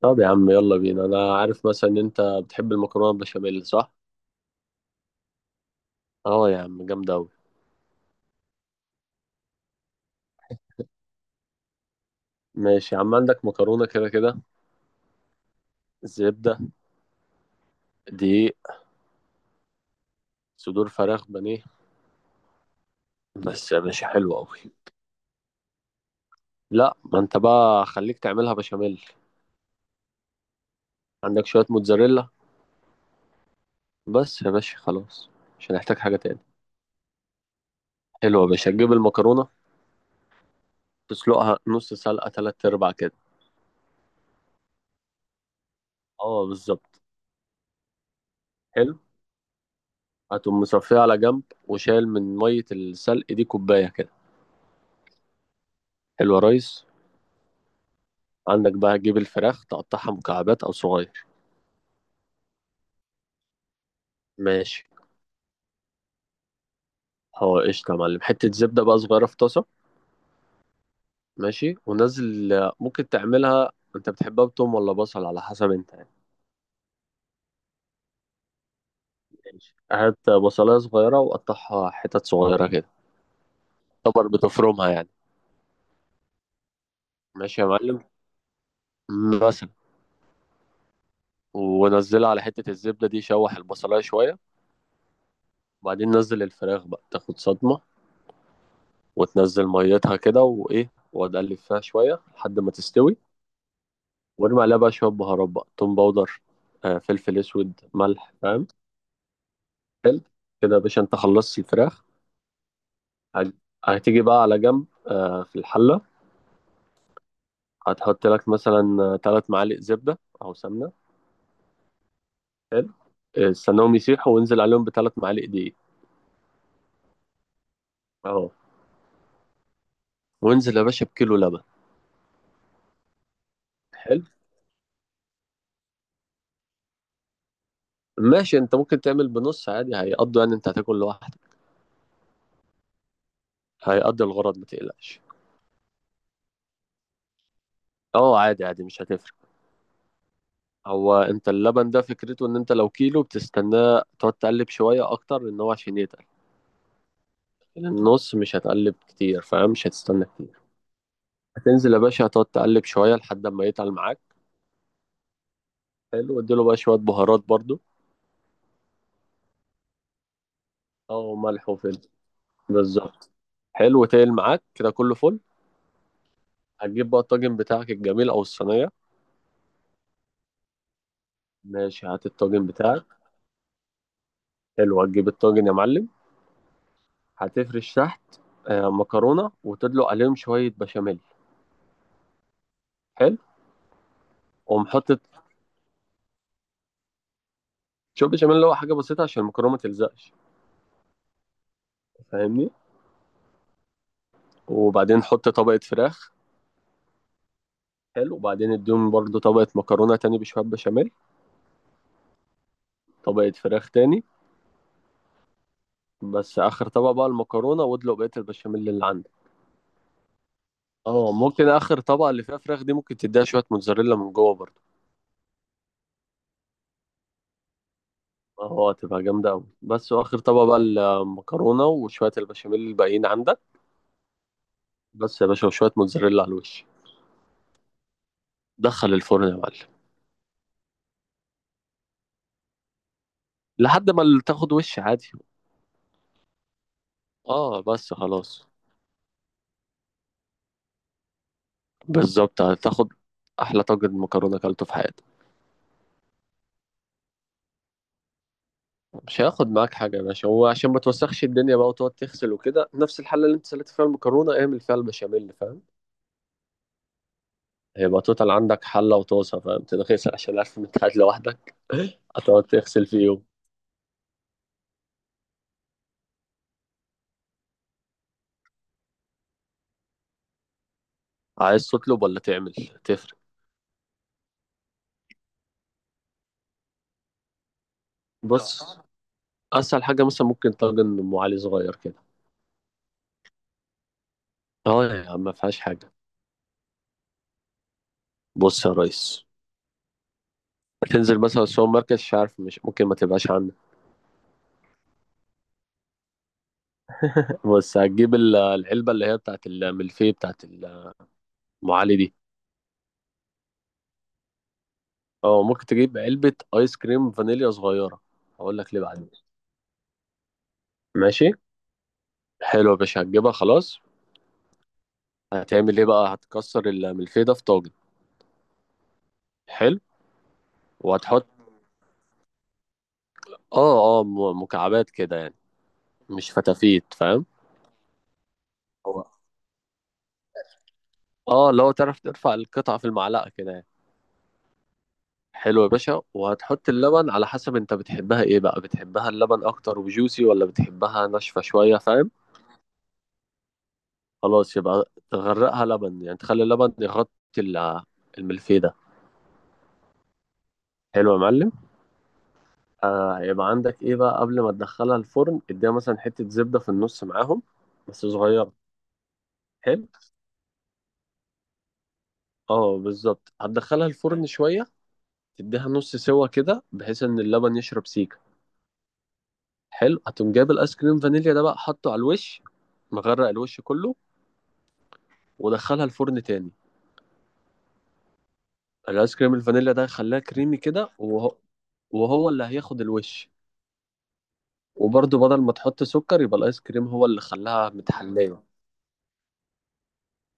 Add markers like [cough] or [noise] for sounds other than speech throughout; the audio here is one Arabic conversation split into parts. طب يا عم، يلا بينا. انا عارف مثلا ان انت بتحب المكرونه البشاميل، صح؟ اه يا عم، جامده اوي. ماشي يا عم. عندك مكرونه كده كده؟ زبده؟ دقيق؟ صدور فراخ بانيه؟ بس يا باشا، حلوه اوي. لا، ما انت بقى خليك تعملها بشاميل. عندك شويه موتزاريلا؟ بس يا باشا خلاص. مش هنحتاج حاجه تاني. حلوه يا باشا، تجيب المكرونه. تسلقها نص سلقه، تلات ارباع كده. اه، بالظبط. حلو. هتقوم مصفيه على جنب وشايل من ميه السلق دي كوبايه كده. حلو يا ريس. عندك بقى تجيب الفراخ، تقطعها مكعبات او صغير. ماشي. هو قشطة يا معلم. حتة زبدة بقى صغيرة في طاسة. ماشي ونزل. ممكن تعملها، انت بتحبها بتوم ولا بصل؟ على حسب انت يعني. ماشي. هات بصلاية صغيرة وقطعها حتت صغيرة كده. طبعا بتفرمها يعني. ماشي يا معلم. مثلا. ونزلها على حتة الزبدة دي، شوح البصلاية شوية. وبعدين نزل الفراخ بقى تاخد صدمة. وتنزل ميتها كده، وإيه، وتقلب فيها شوية لحد ما تستوي. وارمي عليها بقى شوية بهارات، بقى توم باودر، فلفل اسود، ملح، فاهم؟ حلو. كده يا باشا، انت خلصت الفراخ. هت- هتيجي بقى على جنب، في الحلة. هتحط لك مثلا ثلاث معالق زبدة أو سمنة. حلو. استناهم يسيحوا وانزل عليهم بثلاث معالق دقيق. اهو. وانزل يا باشا بكيلو لبن. حلو. ماشي. انت ممكن تعمل بنص عادي، هيقضوا، يعني انت هتاكل لوحدك. هيقضي الغرض، ما تقلقش. اه، عادي عادي، مش هتفرق. هو انت اللبن ده، فكرته ان انت لو كيلو بتستناه تقعد تقلب شوية اكتر، ان هو عشان يتقل. لكن النص مش هتقلب كتير، فاهم؟ مش هتستنى كتير. هتنزل يا باشا، هتقعد تقلب شوية لحد ما يتقل معاك. حلو. واديله بقى شوية بهارات برضو. اه، ملح وفلفل. بالظبط. حلو، تقل معاك كده، كله فل. هتجيب بقى الطاجن بتاعك الجميل او الصينية. ماشي، هات الطاجن بتاعك. حلو. هتجيب الطاجن يا معلم. هتفرش تحت، مكرونة وتدلق عليهم شوية بشاميل. حلو. ومحط. شوف، بشاميل اللي هو حاجة بسيطة عشان المكرونة ما تلزقش. فاهمني؟ وبعدين حط طبقة فراخ. حلو. وبعدين اديهم برضو طبقة مكرونة تاني بشوية بشاميل. طبقة فراخ تاني. بس آخر طبقة بقى المكرونة، وادلق بقية البشاميل اللي عندك. اه، ممكن آخر طبقة اللي فيها فراخ دي، ممكن تديها شوية موتزاريلا من جوه برضو. اه، تبقى جامدة أوي. بس وآخر طبقة بقى المكرونة وشوية البشاميل الباقيين عندك. بس يا باشا، وشوية موتزاريلا على الوش. دخل الفرن يا معلم. لحد ما تاخد وش عادي. اه، بس خلاص. بالظبط، هتاخد احلى طاجن مكرونه اكلته في حياتك. مش هياخد معاك حاجه يا باشا. هو عشان ما توسخش الدنيا بقى وتقعد تغسل وكده، نفس الحله اللي انت سلقت فيها المكرونه اعمل فيها البشاميل، فاهم؟ هيبقى توتال عندك حله وطاسه، فاهم، تتغسل، عشان عارف ان انت قاعد لوحدك. هتقعد تغسل فيهم. عايز تطلب ولا تعمل؟ تفرق؟ بص. اسهل حاجه مثلا، ممكن طاجن ام علي صغير كده. اه يا عم، ما فيهاش حاجه. بص يا ريس. هتنزل مثلا السوبر ماركت، مش عارف، مش ممكن ما تبقاش عندك. [laughs] بص، هتجيب العلبه اللي هي بتاعت الملفيه بتاعت ام علي دي. اه، ممكن تجيب علبة ايس كريم فانيليا صغيرة. هقول لك ليه بعدين. ماشي. حلو يا باشا، هتجيبها خلاص. هتعمل ايه بقى؟ هتكسر الملفيه ده في طاجن. حلو. وهتحط اه، اه، مكعبات كده يعني. مش فتافيت، فاهم؟ هو اه، لو تعرف ترفع القطعة في المعلقة كده يعني. حلو يا باشا. وهتحط اللبن على حسب، انت بتحبها ايه بقى؟ بتحبها اللبن اكتر وجوسي، ولا بتحبها ناشفة شوية، فاهم؟ خلاص يبقى تغرقها لبن، يعني تخلي اللبن يغطي ال- الملفيه ده. حلو يا معلم. هيبقى عندك ايه بقى قبل ما تدخلها الفرن؟ اديها مثلا حتة زبدة في النص معاهم، بس صغيرة. حلو. اه، بالظبط. هتدخلها الفرن شوية. تديها نص سوا كده بحيث ان اللبن يشرب سيكة. حلو. هتقوم جايب الايس كريم فانيليا ده بقى حاطه على الوش، مغرق الوش كله. ودخلها الفرن تاني. الايس كريم الفانيليا ده خلاه كريمي كده، وهو اللي هياخد الوش. وبرضه بدل ما تحط سكر، يبقى الايس كريم هو اللي خلاها متحلاية.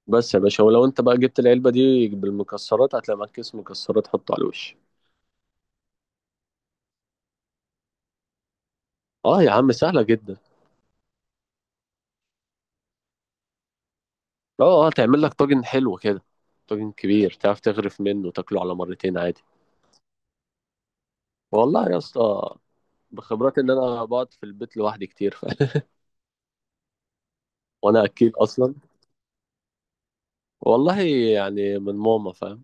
بس يا باشا، ولو انت بقى جبت العلبة دي بالمكسرات، هتلاقي معاك كيس مكسرات، حطه على الوش. اه يا عم، سهلة جدا. اه، اه، تعمل لك طاجن حلو كده. طاجن كبير، تعرف تغرف منه وتاكله على مرتين عادي. والله يا اسطى، بخبرات ان انا بقعد في البيت لوحدي كتير، [laughs] وانا اكيل اصلا. والله. يعني من ماما، فاهم.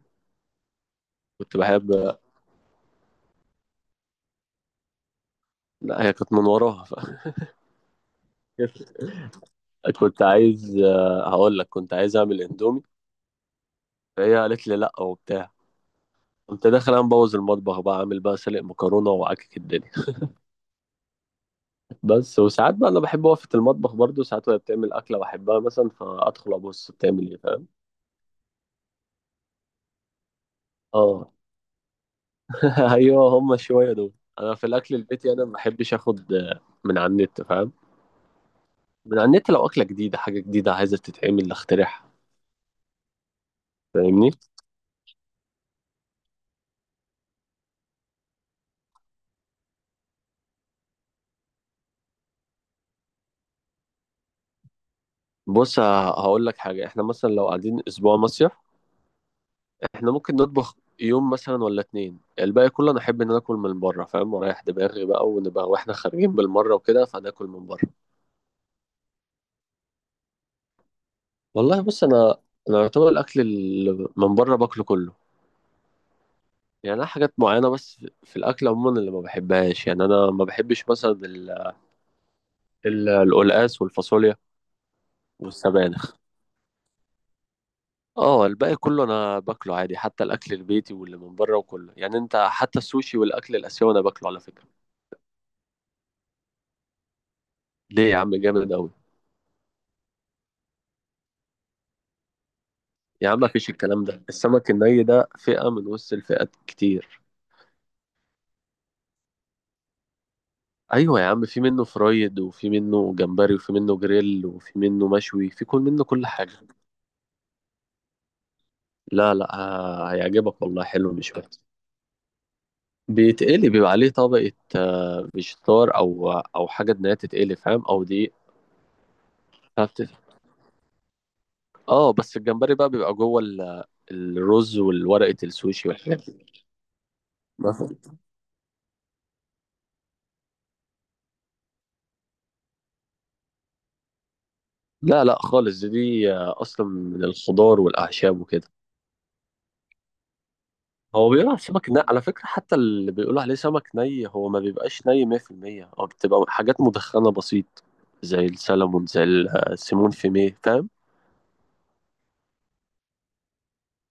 كنت بحب. لا، هي كانت من وراها [laughs] كنت عايز آه، هقول لك كنت عايز اعمل اندومي. فهي قالت لي لا وبتاع. قمت داخل انا مبوظ المطبخ بقى، عامل بقى سلق مكرونه وعكك الدنيا. بس وساعات بقى، انا بحب اقف في المطبخ برضو ساعات وهي بتعمل اكله بحبها مثلا، فادخل ابص بتعمل ايه، فاهم؟ اه. [laughs] ايوه، هم شويه دول. انا في الاكل البيتي، انا ما بحبش اخد من على النت، فاهم. من على النت، لو اكله جديده، حاجه جديده عايزه تتعمل، اخترعها. فاهمني. بص، هقول لك حاجه. احنا مثلا لو قاعدين اسبوع مصيف، احنا ممكن نطبخ يوم مثلا ولا اتنين، الباقي كله انا احب ان انا اكل من بره، فاهم، ورايح دماغي بقى، ونبقى واحنا خارجين بالمره وكده، فناكل من بره. والله، بص، انا يعتبر الاكل اللي من بره باكله كله. يعني انا حاجات معينه بس، في الاكل عموما اللي ما بحبهاش، يعني انا ما بحبش مثلا القلقاس والفاصوليا والسبانخ. اه، الباقي كله انا باكله عادي، حتى الاكل البيتي واللي من بره وكله، يعني انت حتى السوشي والاكل الاسيوي انا باكله على فكره. ليه يا عم؟ جامد قوي. يا عم مفيش الكلام ده، السمك الني ده فئه من وسط الفئات كتير. ايوه يا عم، في منه فرايد، وفي منه جمبري، وفي منه جريل، وفي منه مشوي، في كل منه، كل حاجه. لا لا، هيعجبك والله، حلو مش وحش. بيتقلي، بيبقى عليه طبقة فيجيتار، أو حاجة إنها تتقلي، فاهم، أو دي. فبت- اه، بس الجمبري بقى بيبقى جوه الرز والورقة السوشي والحاجات دي. مثلا. لا لا خالص، دي أصلا من الخضار والأعشاب وكده. هو بيقولوا على السمك ني، على فكرة، حتى اللي بيقولوا عليه سمك ني هو ما بيبقاش ني 100%، هو بتبقى حاجات مدخنة بسيط. زي السلمون، زي السيمون فيميه، فاهم.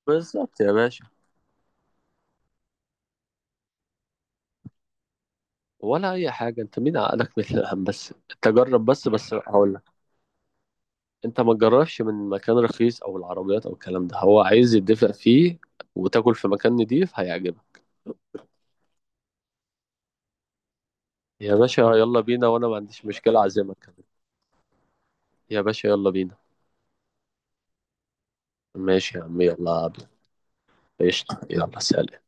بالظبط يا باشا. ولا اي حاجه انت، مين عقلك مثل الهم؟ بس انت جرب، بس بس هقول لك. انت ما تجربش من مكان رخيص او العربيات او الكلام ده، هو عايز يدفق فيه. وتاكل في مكان نضيف، هيعجبك. يا باشا يلا بينا، وانا ما عنديش مشكله اعزمك كمان. يا باشا يلا بينا. ماشي يا عم، يلا قبل. قشطه، يلا سلام.